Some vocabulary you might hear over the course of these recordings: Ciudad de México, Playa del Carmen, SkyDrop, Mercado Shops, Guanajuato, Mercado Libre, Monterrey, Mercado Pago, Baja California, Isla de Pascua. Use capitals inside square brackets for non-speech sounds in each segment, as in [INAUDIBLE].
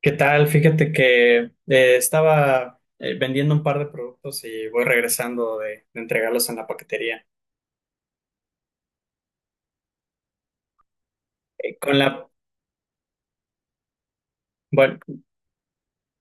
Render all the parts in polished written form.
¿Qué tal? Fíjate que estaba vendiendo un par de productos y voy regresando de entregarlos en la paquetería. Eh, con la, bueno,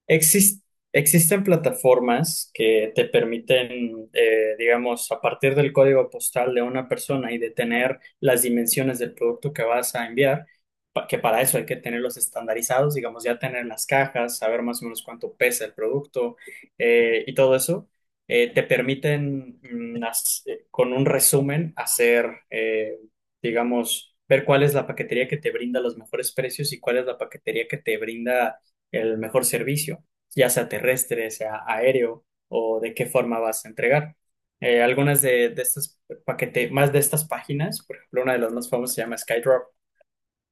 Exis- existen plataformas que te permiten, digamos, a partir del código postal de una persona y de tener las dimensiones del producto que vas a enviar. Que para eso hay que tenerlos estandarizados, digamos, ya tener las cajas, saber más o menos cuánto pesa el producto y todo eso. Te permiten, con un resumen hacer, digamos, ver cuál es la paquetería que te brinda los mejores precios y cuál es la paquetería que te brinda el mejor servicio, ya sea terrestre, sea aéreo o de qué forma vas a entregar. Algunas de estas paquete, más de estas páginas, por ejemplo, una de las más famosas se llama SkyDrop.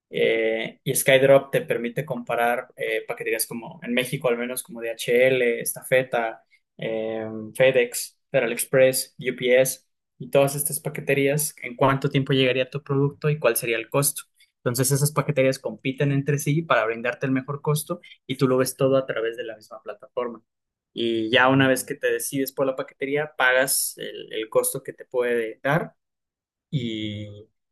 Y SkyDrop te permite comparar paqueterías como en México, al menos como DHL. Estafeta, eh, FedEx, Federal Express, UPS y todas estas paqueterías, en cuánto tiempo llegaría tu producto y cuál sería el costo. Entonces esas paqueterías compiten entre sí para brindarte el mejor costo y tú lo ves todo a través de la misma plataforma. Y ya una vez que te decides por la paquetería, pagas el costo que te puede dar y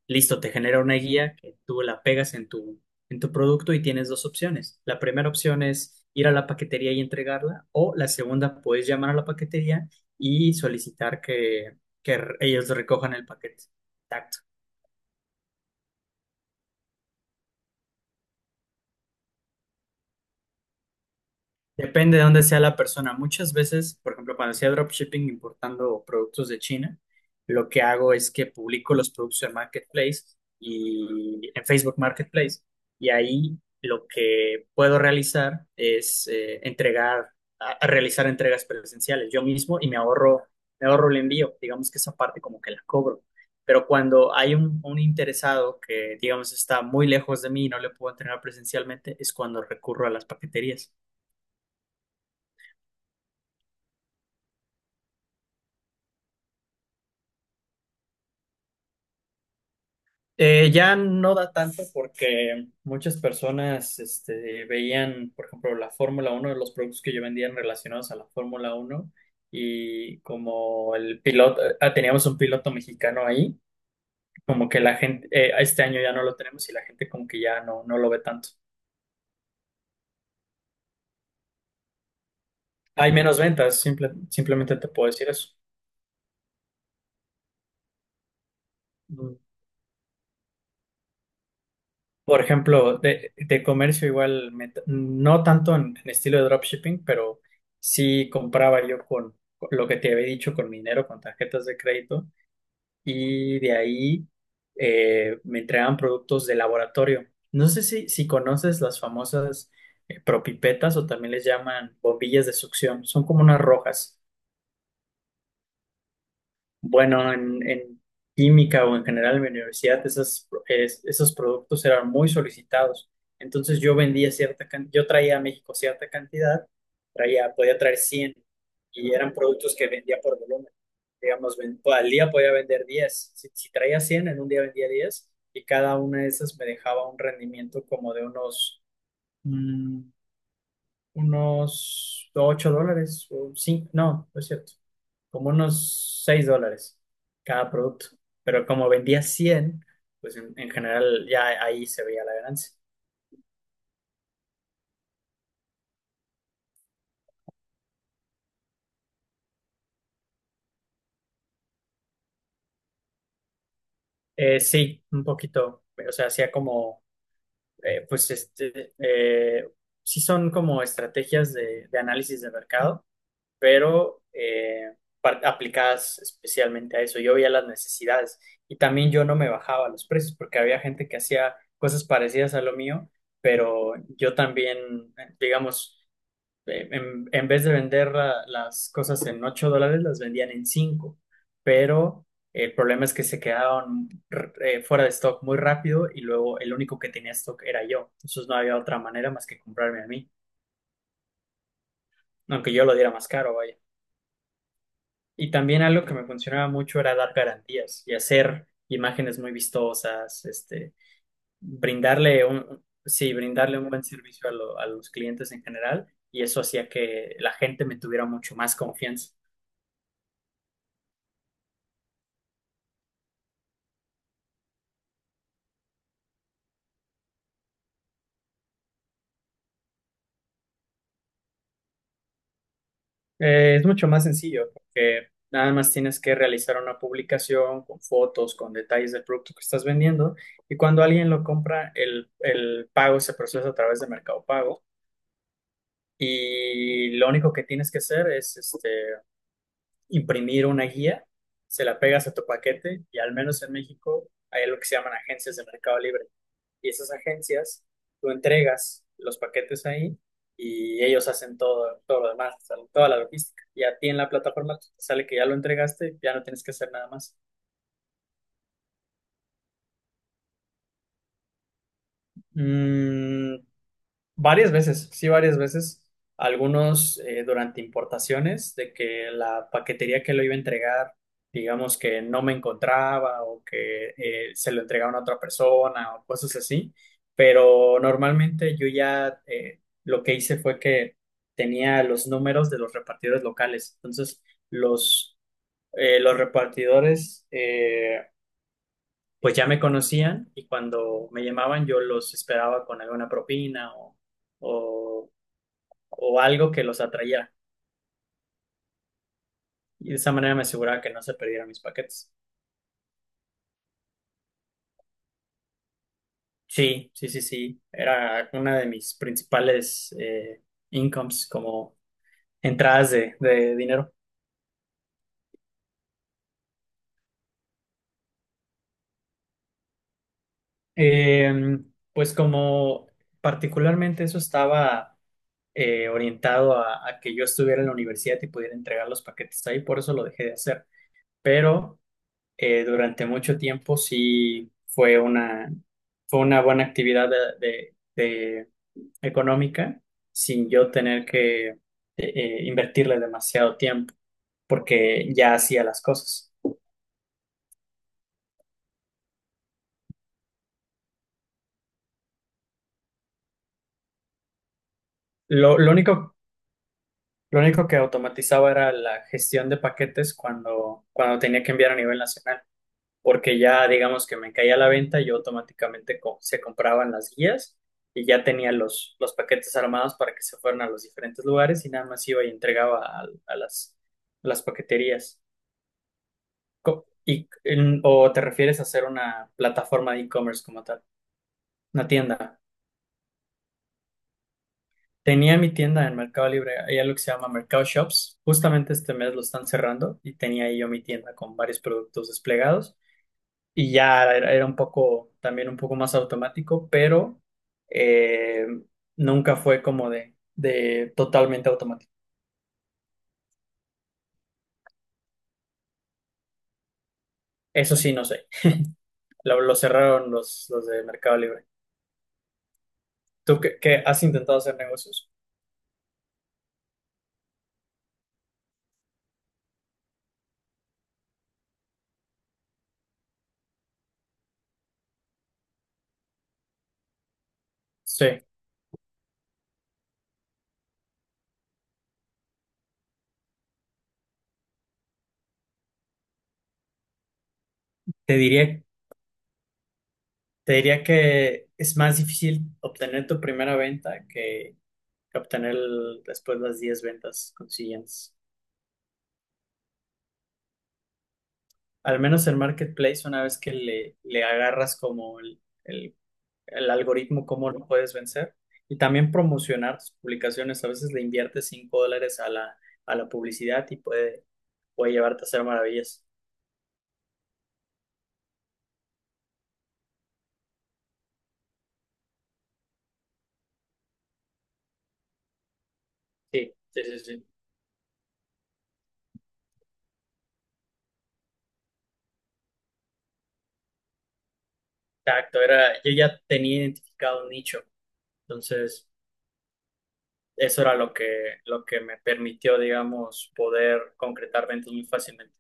listo, te genera una guía que tú la pegas en tu producto y tienes dos opciones. La primera opción es ir a la paquetería y entregarla, o la segunda, puedes llamar a la paquetería y solicitar que ellos recojan el paquete. Tacto. Depende de dónde sea la persona. Muchas veces, por ejemplo, cuando hacía dropshipping importando productos de China, lo que hago es que publico los productos en Marketplace y en Facebook Marketplace. Y ahí lo que puedo realizar es entregar, a realizar entregas presenciales yo mismo y me ahorro el envío. Digamos que esa parte como que la cobro. Pero cuando hay un interesado que, digamos, está muy lejos de mí y no le puedo entregar presencialmente, es cuando recurro a las paqueterías. Ya no da tanto porque muchas personas veían, por ejemplo, la Fórmula 1, de los productos que yo vendía relacionados a la Fórmula 1. Y como el piloto, teníamos un piloto mexicano ahí, como que la gente, este año ya no lo tenemos y la gente como que ya no lo ve tanto. Hay menos ventas, simplemente te puedo decir eso. Por ejemplo, de comercio igual, no tanto en estilo de dropshipping, pero sí compraba yo con lo que te había dicho, con mi dinero, con tarjetas de crédito, y de ahí me entregaban productos de laboratorio. No sé si conoces las famosas propipetas o también les llaman bombillas de succión, son como unas rojas. Bueno, en química o en general en mi universidad, esos productos eran muy solicitados. Entonces yo vendía cierta cantidad, yo traía a México cierta cantidad, traía, podía traer 100 y eran productos que vendía por volumen. Digamos, al día podía vender 10. Si traía 100, en un día vendía 10 y cada una de esas me dejaba un rendimiento como de unos, mm, unos $8 o 5. No, no es cierto, como unos $6 cada producto. Pero como vendía 100 pues en general ya ahí se veía la ganancia. Sí, un poquito, o sea, hacía como, pues este, sí son como estrategias de análisis de mercado, pero aplicadas especialmente a eso. Yo veía las necesidades, y también yo no me bajaba los precios porque había gente que hacía cosas parecidas a lo mío, pero yo también, digamos, en vez de vender las cosas en $8, las vendían en 5. Pero el problema es que se quedaron fuera de stock muy rápido y luego el único que tenía stock era yo. Entonces no había otra manera más que comprarme a mí, aunque yo lo diera más caro, vaya. Y también algo que me funcionaba mucho era dar garantías y hacer imágenes muy vistosas, este, brindarle brindarle un buen servicio a a los clientes en general, y eso hacía que la gente me tuviera mucho más confianza. Es mucho más sencillo porque nada más tienes que realizar una publicación con fotos, con detalles del producto que estás vendiendo, y cuando alguien lo compra, el pago se procesa a través de Mercado Pago, y lo único que tienes que hacer es este, imprimir una guía, se la pegas a tu paquete. Y al menos en México hay lo que se llaman agencias de Mercado Libre, y esas agencias, tú entregas los paquetes ahí y ellos hacen todo todo lo demás, o sea, toda la logística. Y a ti en la plataforma te sale que ya lo entregaste, ya no tienes que hacer nada más. Mm, Varias veces, sí, varias veces. Algunos, durante importaciones, de que la paquetería que lo iba a entregar, digamos que no me encontraba o que se lo entregaban a otra persona o cosas así. Pero normalmente yo ya, lo que hice fue que tenía los números de los repartidores locales. Entonces, los los repartidores pues ya me conocían y cuando me llamaban yo los esperaba con alguna propina o o algo que los atrayera. Y de esa manera me aseguraba que no se perdieran mis paquetes. Sí, sí, sí, sí. Era una de mis principales incomes, como entradas de dinero. Eh, pues como particularmente eso estaba orientado a que yo estuviera en la universidad y pudiera entregar los paquetes ahí, por eso lo dejé de hacer. Pero durante mucho tiempo sí fue una buena actividad de económica, sin yo tener que invertirle demasiado tiempo porque ya hacía las cosas. Lo, lo único, lo único que automatizaba era la gestión de paquetes cuando, cuando tenía que enviar a nivel nacional, porque ya digamos que me caía la venta, yo automáticamente se compraban las guías y ya tenía los paquetes armados para que se fueran a los diferentes lugares y nada más iba y entregaba a las paqueterías. Y, ¿o te refieres a hacer una plataforma de e-commerce como tal? Una tienda. Tenía mi tienda en Mercado Libre, hay algo que se llama Mercado Shops. Justamente este mes lo están cerrando y tenía ahí yo mi tienda con varios productos desplegados, y ya era era un poco, también un poco más automático, pero eh, nunca fue como de totalmente automático. Eso sí, no sé. Lo cerraron los de Mercado Libre. ¿Tú qué, qué has intentado hacer negocios? Sí. Te diría Te diría que es más difícil obtener tu primera venta que obtener después las 10 ventas consiguientes. Al menos en Marketplace, una vez que le agarras como el algoritmo, cómo lo puedes vencer. Y también promocionar tus publicaciones. A veces le inviertes $5 a la a la publicidad y puede llevarte a hacer maravillas. Sí, sí, sí, sí. Exacto, era, yo ya tenía identificado un nicho. Entonces eso era lo que me permitió, digamos, poder concretar ventas muy fácilmente.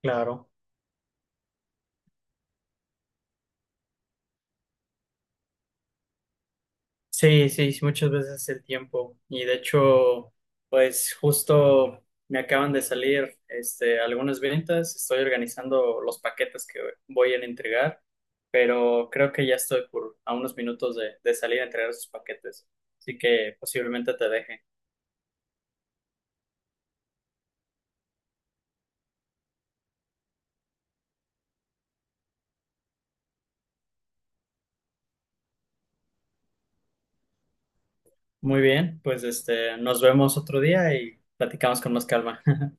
Claro. Sí, sí, sí, muchas veces el tiempo. Y de hecho, pues justo me acaban de salir este, algunas ventas. Estoy organizando los paquetes que voy a entregar, pero creo que ya estoy por a unos minutos de salir a entregar esos paquetes. Así que posiblemente te deje. Muy bien, pues este, nos vemos otro día y platicamos con más calma. [LAUGHS]